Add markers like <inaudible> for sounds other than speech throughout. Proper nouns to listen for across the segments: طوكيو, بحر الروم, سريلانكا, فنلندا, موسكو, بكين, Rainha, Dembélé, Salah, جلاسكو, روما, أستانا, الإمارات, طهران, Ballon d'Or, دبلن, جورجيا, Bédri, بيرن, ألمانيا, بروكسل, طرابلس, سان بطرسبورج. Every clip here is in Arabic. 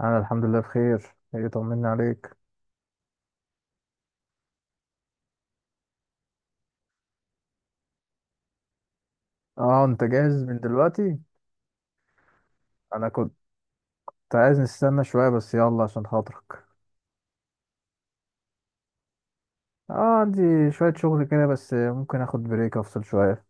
انا الحمد لله بخير. ايه، طمني عليك. اه انت جاهز من دلوقتي؟ انا كنت عايز نستنى شويه، بس يلا عشان خاطرك. اه عندي شويه شغل كده، بس ممكن اخد بريك افصل شويه.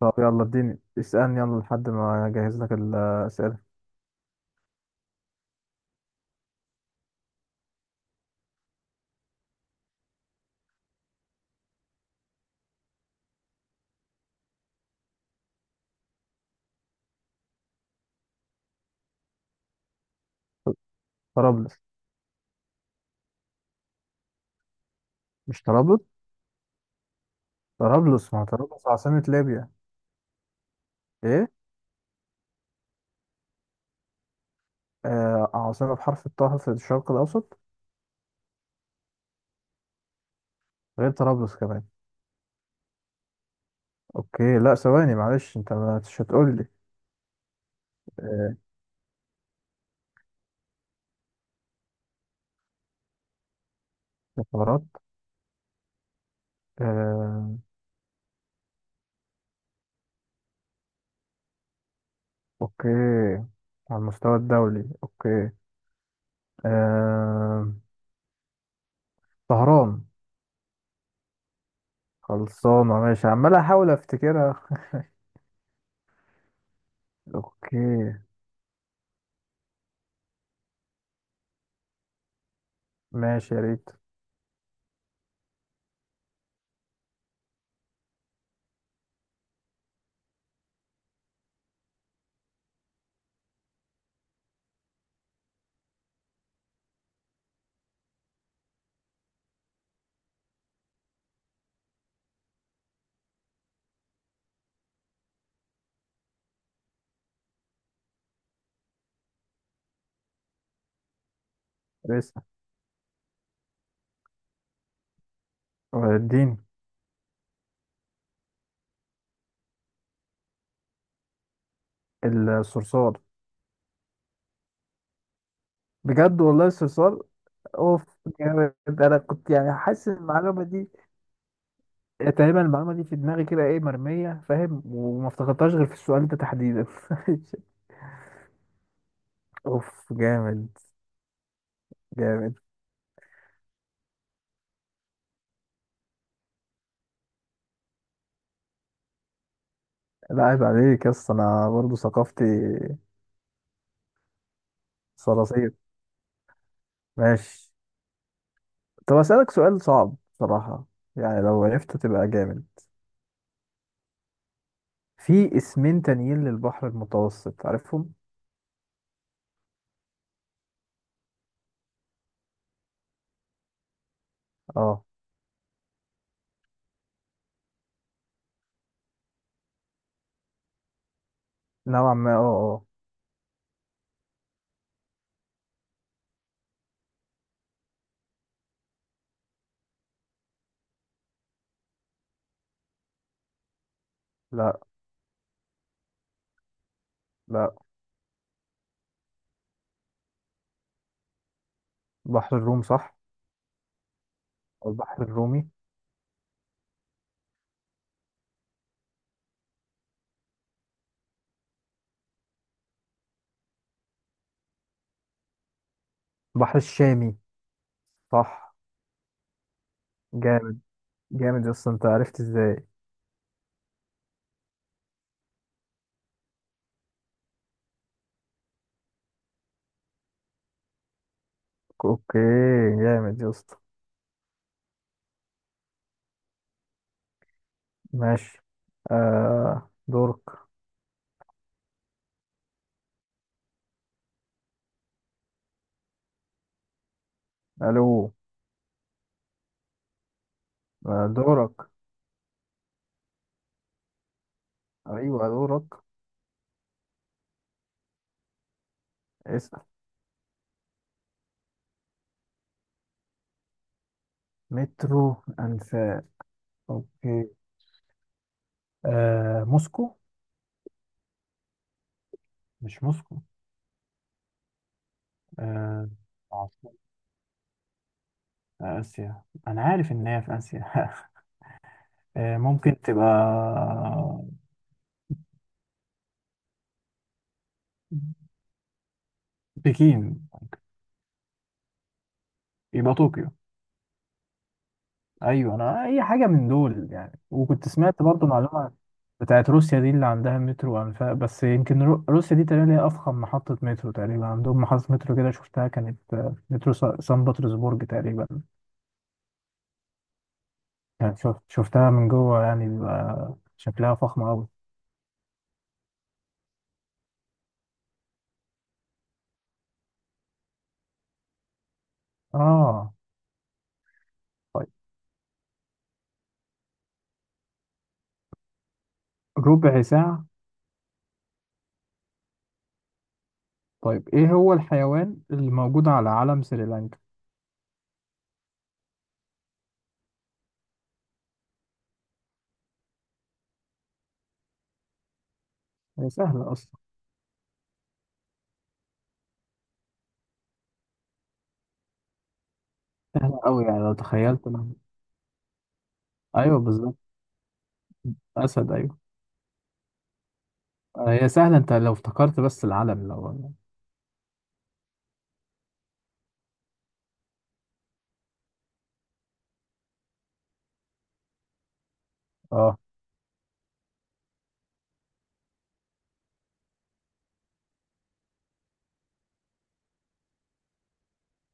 طب يلا اديني، اسالني يلا لحد ما اجهز لك الاسئله. طرابلس. مش طرابلس؟ طرابلس، ما هو طرابلس عاصمه ليبيا. ايه؟ آه، عاصمه بحرف الطاء في الشرق الاوسط غير طرابلس كمان. اوكي، لا ثواني معلش، انت مش هتقول لي؟ آه الإمارات. اوكي، على المستوى الدولي، اوكي. آه... طهران. خلصانة، ماشي، عمال احاول افتكرها. اوكي. ماشي، يا ريت. بس الدين. الصرصار. بجد والله الصرصار. اوف، جامد. انا كنت يعني حاسس إن المعلومة دي، تقريبا المعلومة دي في دماغي كده، ايه، مرمية، فاهم، وما افتكرتهاش غير في السؤال ده تحديدا. <laughs> اوف جامد. جامد. لا عيب عليك يا اسطى، انا برضه ثقافتي صراصير. ماشي. طب أسألك سؤال صعب بصراحة، يعني لو عرفته تبقى جامد. في اسمين تانيين للبحر المتوسط عارفهم؟ اه. نوعا ما، اه اه. لا لا. بحر الروم صح. أو البحر الرومي. بحر الشامي صح. جامد. جامد يا اسطى، انت عرفت ازاي؟ اوكي. جامد يا اسطى. ماشي. آه دورك. الو. آه دورك. ايوه دورك. اسأل. مترو انفاق؟ اوكي. موسكو. مش موسكو؟ آه، عاصمة. آسيا، أنا عارف إن هي في آسيا. <laughs> ممكن تبقى بكين. يبقى طوكيو. أيوة أنا أي حاجة من دول يعني، وكنت سمعت برضو معلومة بتاعت روسيا دي اللي عندها مترو وأنفاق، بس يمكن روسيا دي تقريبا هي أفخم محطة مترو. تقريبا عندهم محطة مترو كده شفتها، كانت مترو سان بطرسبورج تقريبا. يعني شفتها من جوه، يعني بيبقى شكلها فخم أوي. آه. طيب. ربع ساعة؟ طيب ايه هو الحيوان اللي موجود على علم سريلانكا؟ هي سهلة اصلا. أوي، يعني لو تخيلت مهما. ايوه بالظبط. اسد، ايوه. هي سهلة، انت لو افتكرت بس العلم، لو. اه.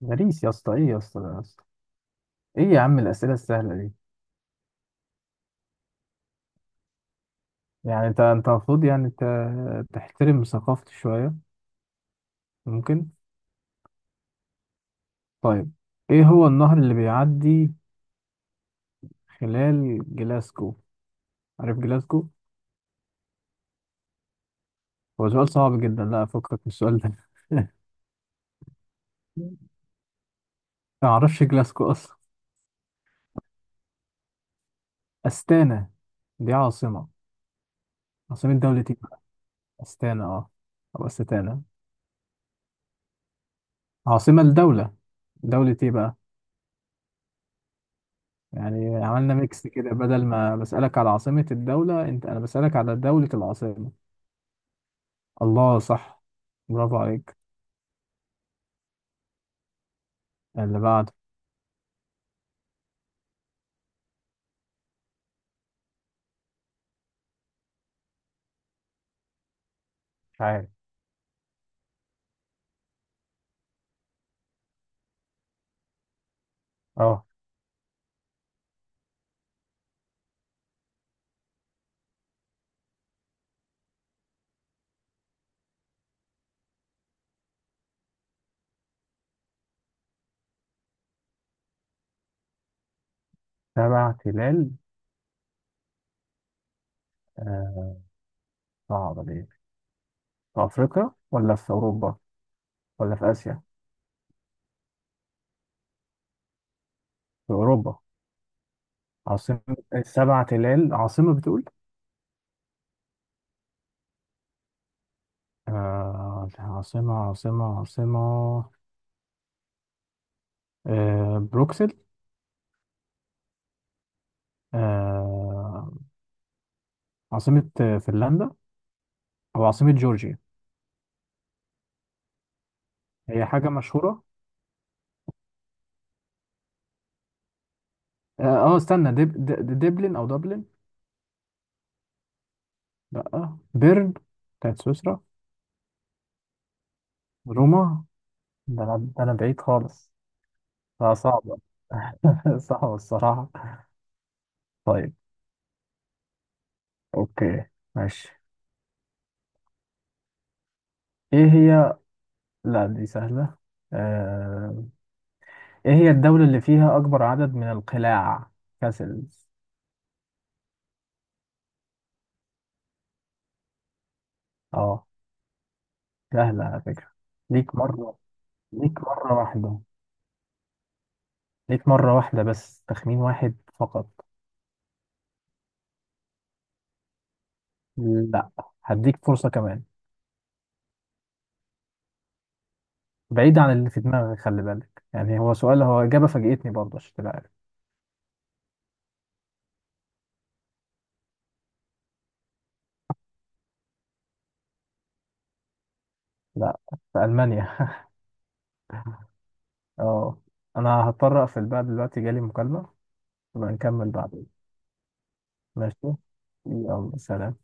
مريس يا اسطى، ايه يا اسطى ده يا اسطى؟ ايه يا عم الاسئلة السهلة دي؟ يعني انت، انت المفروض يعني تحترم ثقافتي شوية. ممكن. طيب ايه هو النهر اللي بيعدي خلال جلاسكو؟ عارف جلاسكو؟ هو سؤال صعب جدا، لا افكك من السؤال ده. <laughs> ما اعرفش جلاسكو. أستانا. دي عاصمة. عاصمة دولة إيه بقى؟ أستانا أه. أو أستانا. عاصمة الدولة. دولة إيه بقى؟ يعني عملنا ميكس كده، بدل ما بسألك على عاصمة الدولة، أنت أنا بسألك على دولة العاصمة. الله، صح. برافو عليك. اللي بعده. مش عارف. اه. سبع تلال. آه، صعبة دي. في أفريقيا ولا في أوروبا ولا في آسيا؟ في أوروبا. عاصمة السبع تلال، عاصمة بتقول؟ آه، عاصمة عاصمة عاصمة. بروكسل. آه، عاصمة فنلندا. أو عاصمة جورجيا. هي حاجة مشهورة. اه. استنى، دبلن. أو دبلن. لأ بيرن، بتاعت سويسرا. روما. ده أنا، ده أنا بعيد خالص. لا صعبة. <laughs> صعبة الصراحة. طيب. أوكي. ماشي. إيه هي، لا دي سهلة. آه... إيه هي الدولة اللي فيها أكبر عدد من القلاع، كاسلز؟ أه. سهلة على فكرة. ليك مرة، ليك مرة واحدة، ليك مرة واحدة بس، تخمين واحد فقط. لا. هديك فرصة كمان. بعيد عن اللي في دماغك، خلي بالك، يعني هو سؤال، هو إجابة فاجئتني برضه عشان تبقى عارف. لا. في ألمانيا. <laughs> اه. أنا هضطر أقفل بقى دلوقتي، جالي مكالمة، ونكمل بعدين. ماشي. يلا سلام.